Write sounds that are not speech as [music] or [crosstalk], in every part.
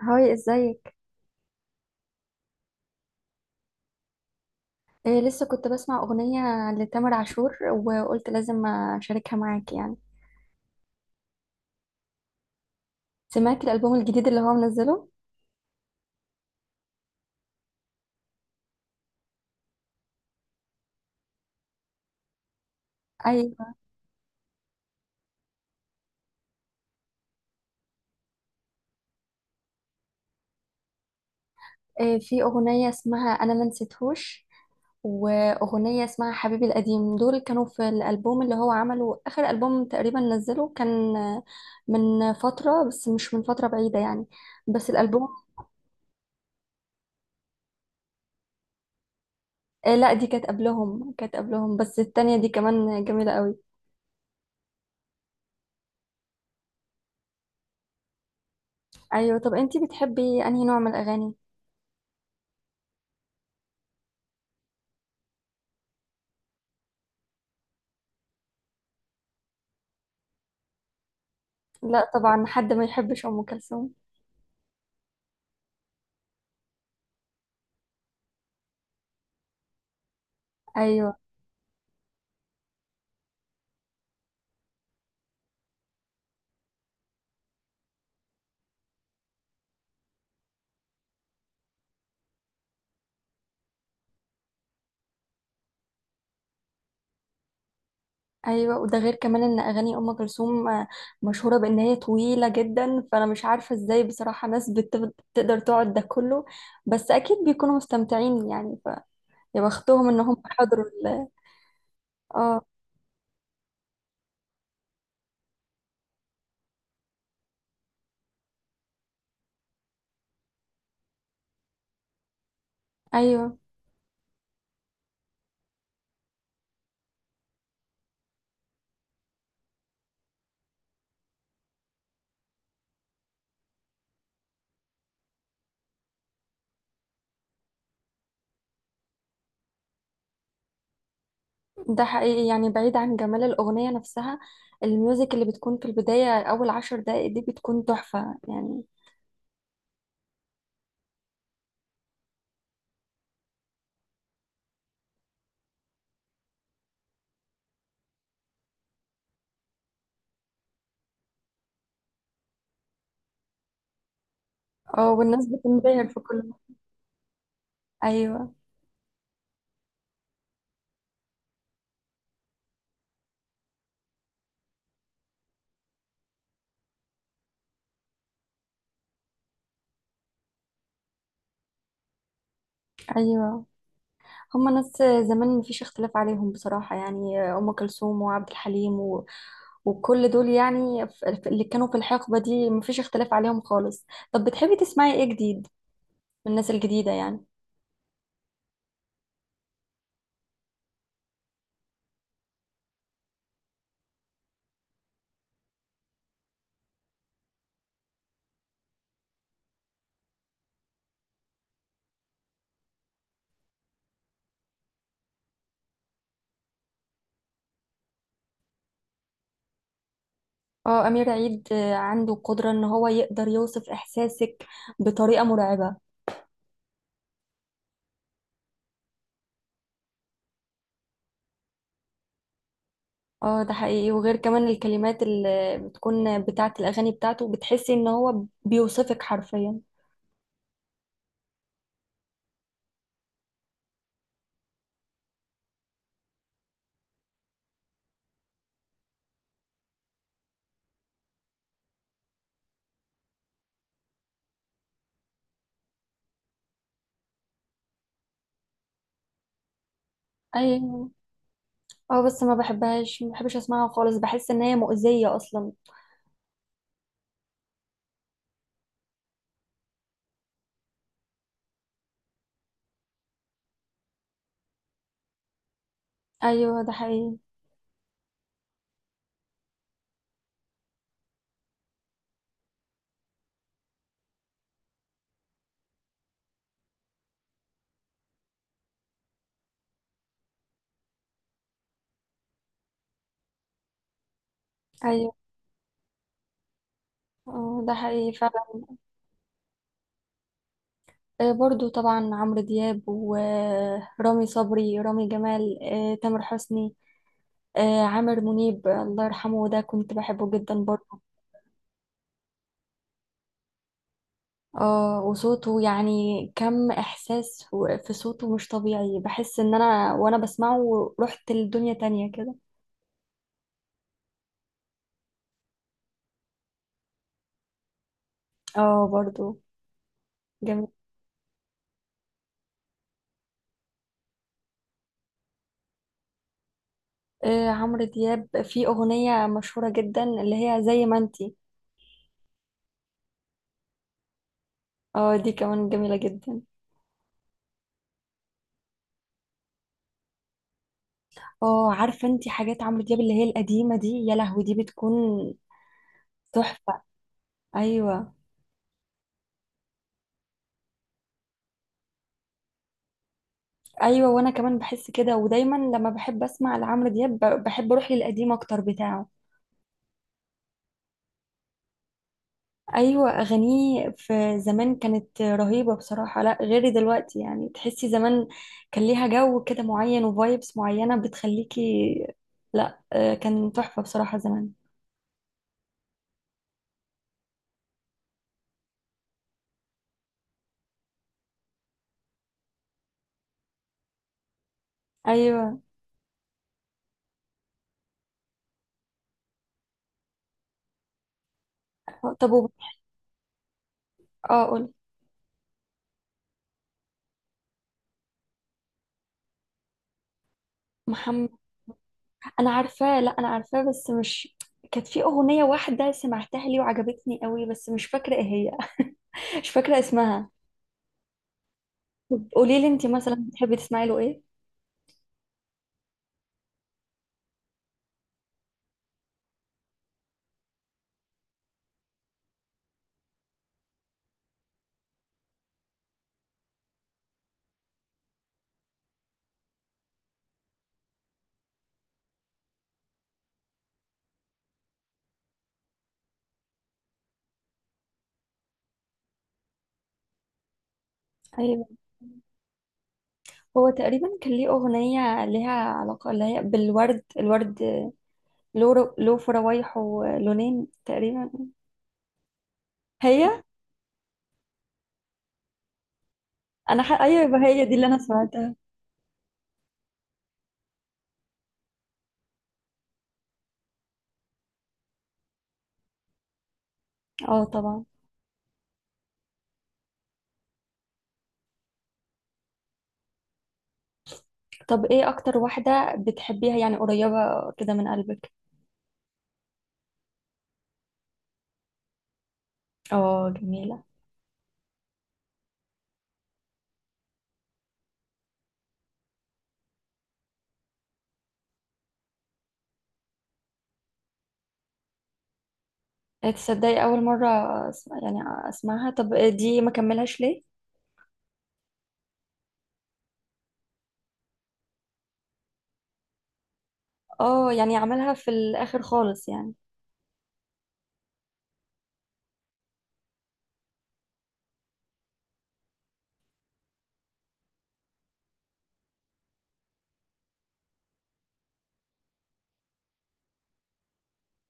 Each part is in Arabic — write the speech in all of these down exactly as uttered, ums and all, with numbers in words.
هاي، ازيك؟ إيه، لسه كنت بسمع أغنية لتامر عاشور وقلت لازم أشاركها معاك يعني. سمعت الألبوم الجديد اللي هو منزله؟ أيوة. إيه، في أغنية اسمها أنا ما نسيتهوش وأغنية اسمها حبيبي القديم. دول كانوا في الألبوم اللي هو عمله، آخر ألبوم تقريبا نزله، كان من فترة بس مش من فترة بعيدة يعني. بس الألبوم. إيه لا، دي كانت قبلهم كانت قبلهم بس التانية دي كمان جميلة قوي. أيوة. طب أنتي بتحبي أنهي نوع من الأغاني؟ لا طبعا، حد ما يحبش ام كلثوم. ايوه. ايوه، وده غير كمان ان اغاني ام كلثوم آه، مشهوره بان هي طويله جدا، فانا مش عارفه ازاي بصراحه ناس بت- بتقدر تقعد ده كله. بس اكيد بيكونوا مستمتعين يعني فيا. بختهم ان هم حضروا ال- اه. ايوه ده حقيقي، يعني بعيد عن جمال الاغنيه نفسها، الميوزك اللي بتكون في البدايه اول عشر دقائق دي بتكون تحفه يعني. اه، والناس بتنبهر في كل. ايوه. ايوه، هما ناس زمان مفيش اختلاف عليهم بصراحة، يعني أم كلثوم وعبد الحليم و... وكل دول يعني، ف- اللي كانوا في الحقبة دي مفيش اختلاف عليهم خالص. طب بتحبي تسمعي ايه جديد من الناس الجديدة يعني؟ اه أمير عيد، آه، عنده قدرة ان هو يقدر يوصف إحساسك بطريقة مرعبة. اه ده حقيقي، وغير كمان الكلمات اللي بتكون بتاعة الأغاني بتاعته بتحسي ان هو بيوصفك حرفيا. ايوه. اه بس ما بحبهاش، ما بحبش اسمعها خالص، بحس ان هي مؤذية اصلا. ايوه ده حقيقي. ايوه. آه، ده حقيقي فعلا. آه، برضو طبعا عمرو دياب ورامي صبري، رامي جمال، آه، تامر حسني، آه، عامر منيب، آه، الله يرحمه، ده كنت بحبه جدا برضو. اه وصوته يعني، كم احساس و- في صوته مش طبيعي، بحس ان انا وانا بسمعه رحت لدنيا تانية كده. اه برضو جميل. آه، عمرو دياب في اغنية مشهورة جدا اللي هي زي ما انتي. اه دي كمان جميلة جدا. اه عارفة انتي حاجات عمرو دياب اللي هي القديمة دي، يا لهوي دي بتكون تحفة. ايوه. ايوه وانا كمان بحس كده، ودايما لما بحب اسمع لعمرو دياب ب- بحب اروح للقديم اكتر بتاعه. ايوه، اغانيه في زمان كانت رهيبة بصراحة، لا غير دلوقتي يعني، تحسي زمان كان ليها جو كده معين وفايبس معينة بتخليكي، لا، آه، كان تحفة بصراحة زمان. ايوه. طب وب- اه قول. محمد، انا عارفاه، لا انا عارفاه بس مش، كانت في اغنيه واحده سمعتها لي وعجبتني قوي بس مش فاكره ايه هي. [laughs] مش فاكره اسمها. طب قولي لي، انت مثلا بتحبي تسمعي له ايه؟ ايوه. هو تقريبا كان ليه اغنيه ليها علاقه اللي هي بالورد، الورد له رو- له فراويح ولونين تقريبا. هي. انا ح... ايوه يبقى هي دي اللي انا سمعتها. اه طبعا. طب ايه اكتر واحده بتحبيها يعني، قريبه كده من قلبك؟ اه جميله. إيه، تصدقي اول مره أسمع يعني، اسمعها؟ طب دي ما كملهاش ليه؟ اه يعني عملها في الاخر خالص يعني.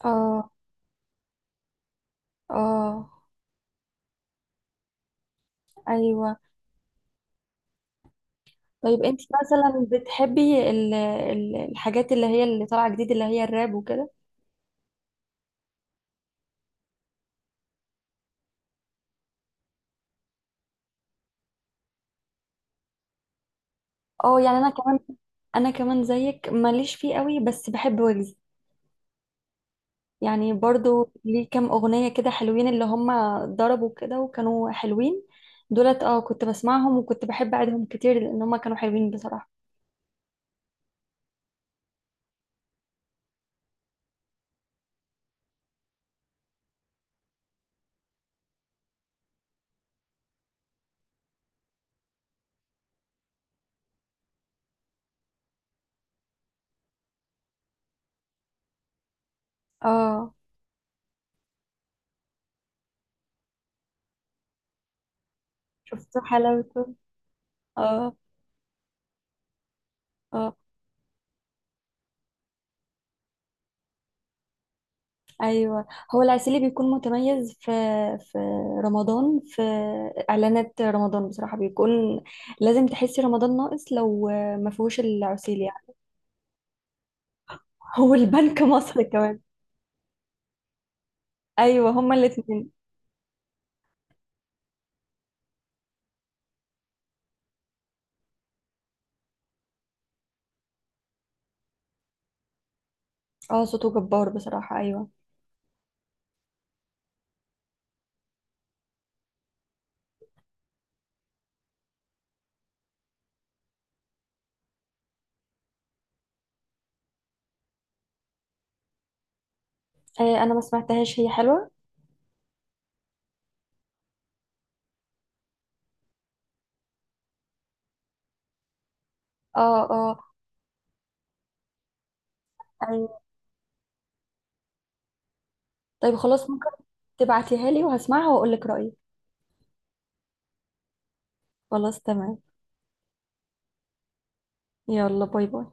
اه. اه. ايوه. طيب انت مثلا بتحبي ال- ال- الحاجات اللي هي اللي طالعه جديد اللي هي الراب وكده؟ اه يعني انا كمان انا كمان زيك ماليش فيه قوي، بس بحب ويجز، يعني برضو ليه كام اغنيه كده حلوين اللي هم ضربوا كده وكانوا حلوين دولت. اه كنت بسمعهم وكنت بحب اعيدهم كتير لان هم كانوا حلوين بصراحه. اه شفت حلاوته. اه. اه. ايوه. هو العسيلي بيكون متميز في، في رمضان، في اعلانات رمضان بصراحه بيكون، لازم تحسي رمضان ناقص لو ما فيهوش العسيلي يعني. [laughs] هو البنك مصر كمان. ايوه هما الاثنين. اه صوته جبار بصراحه، ايوه. آه انا ما سمعتهاش، هي حلوه. اه. اه. أيوة. طيب خلاص ممكن تبعتيها لي وهسمعها واقول لك رايي. خلاص تمام. يلا باي باي.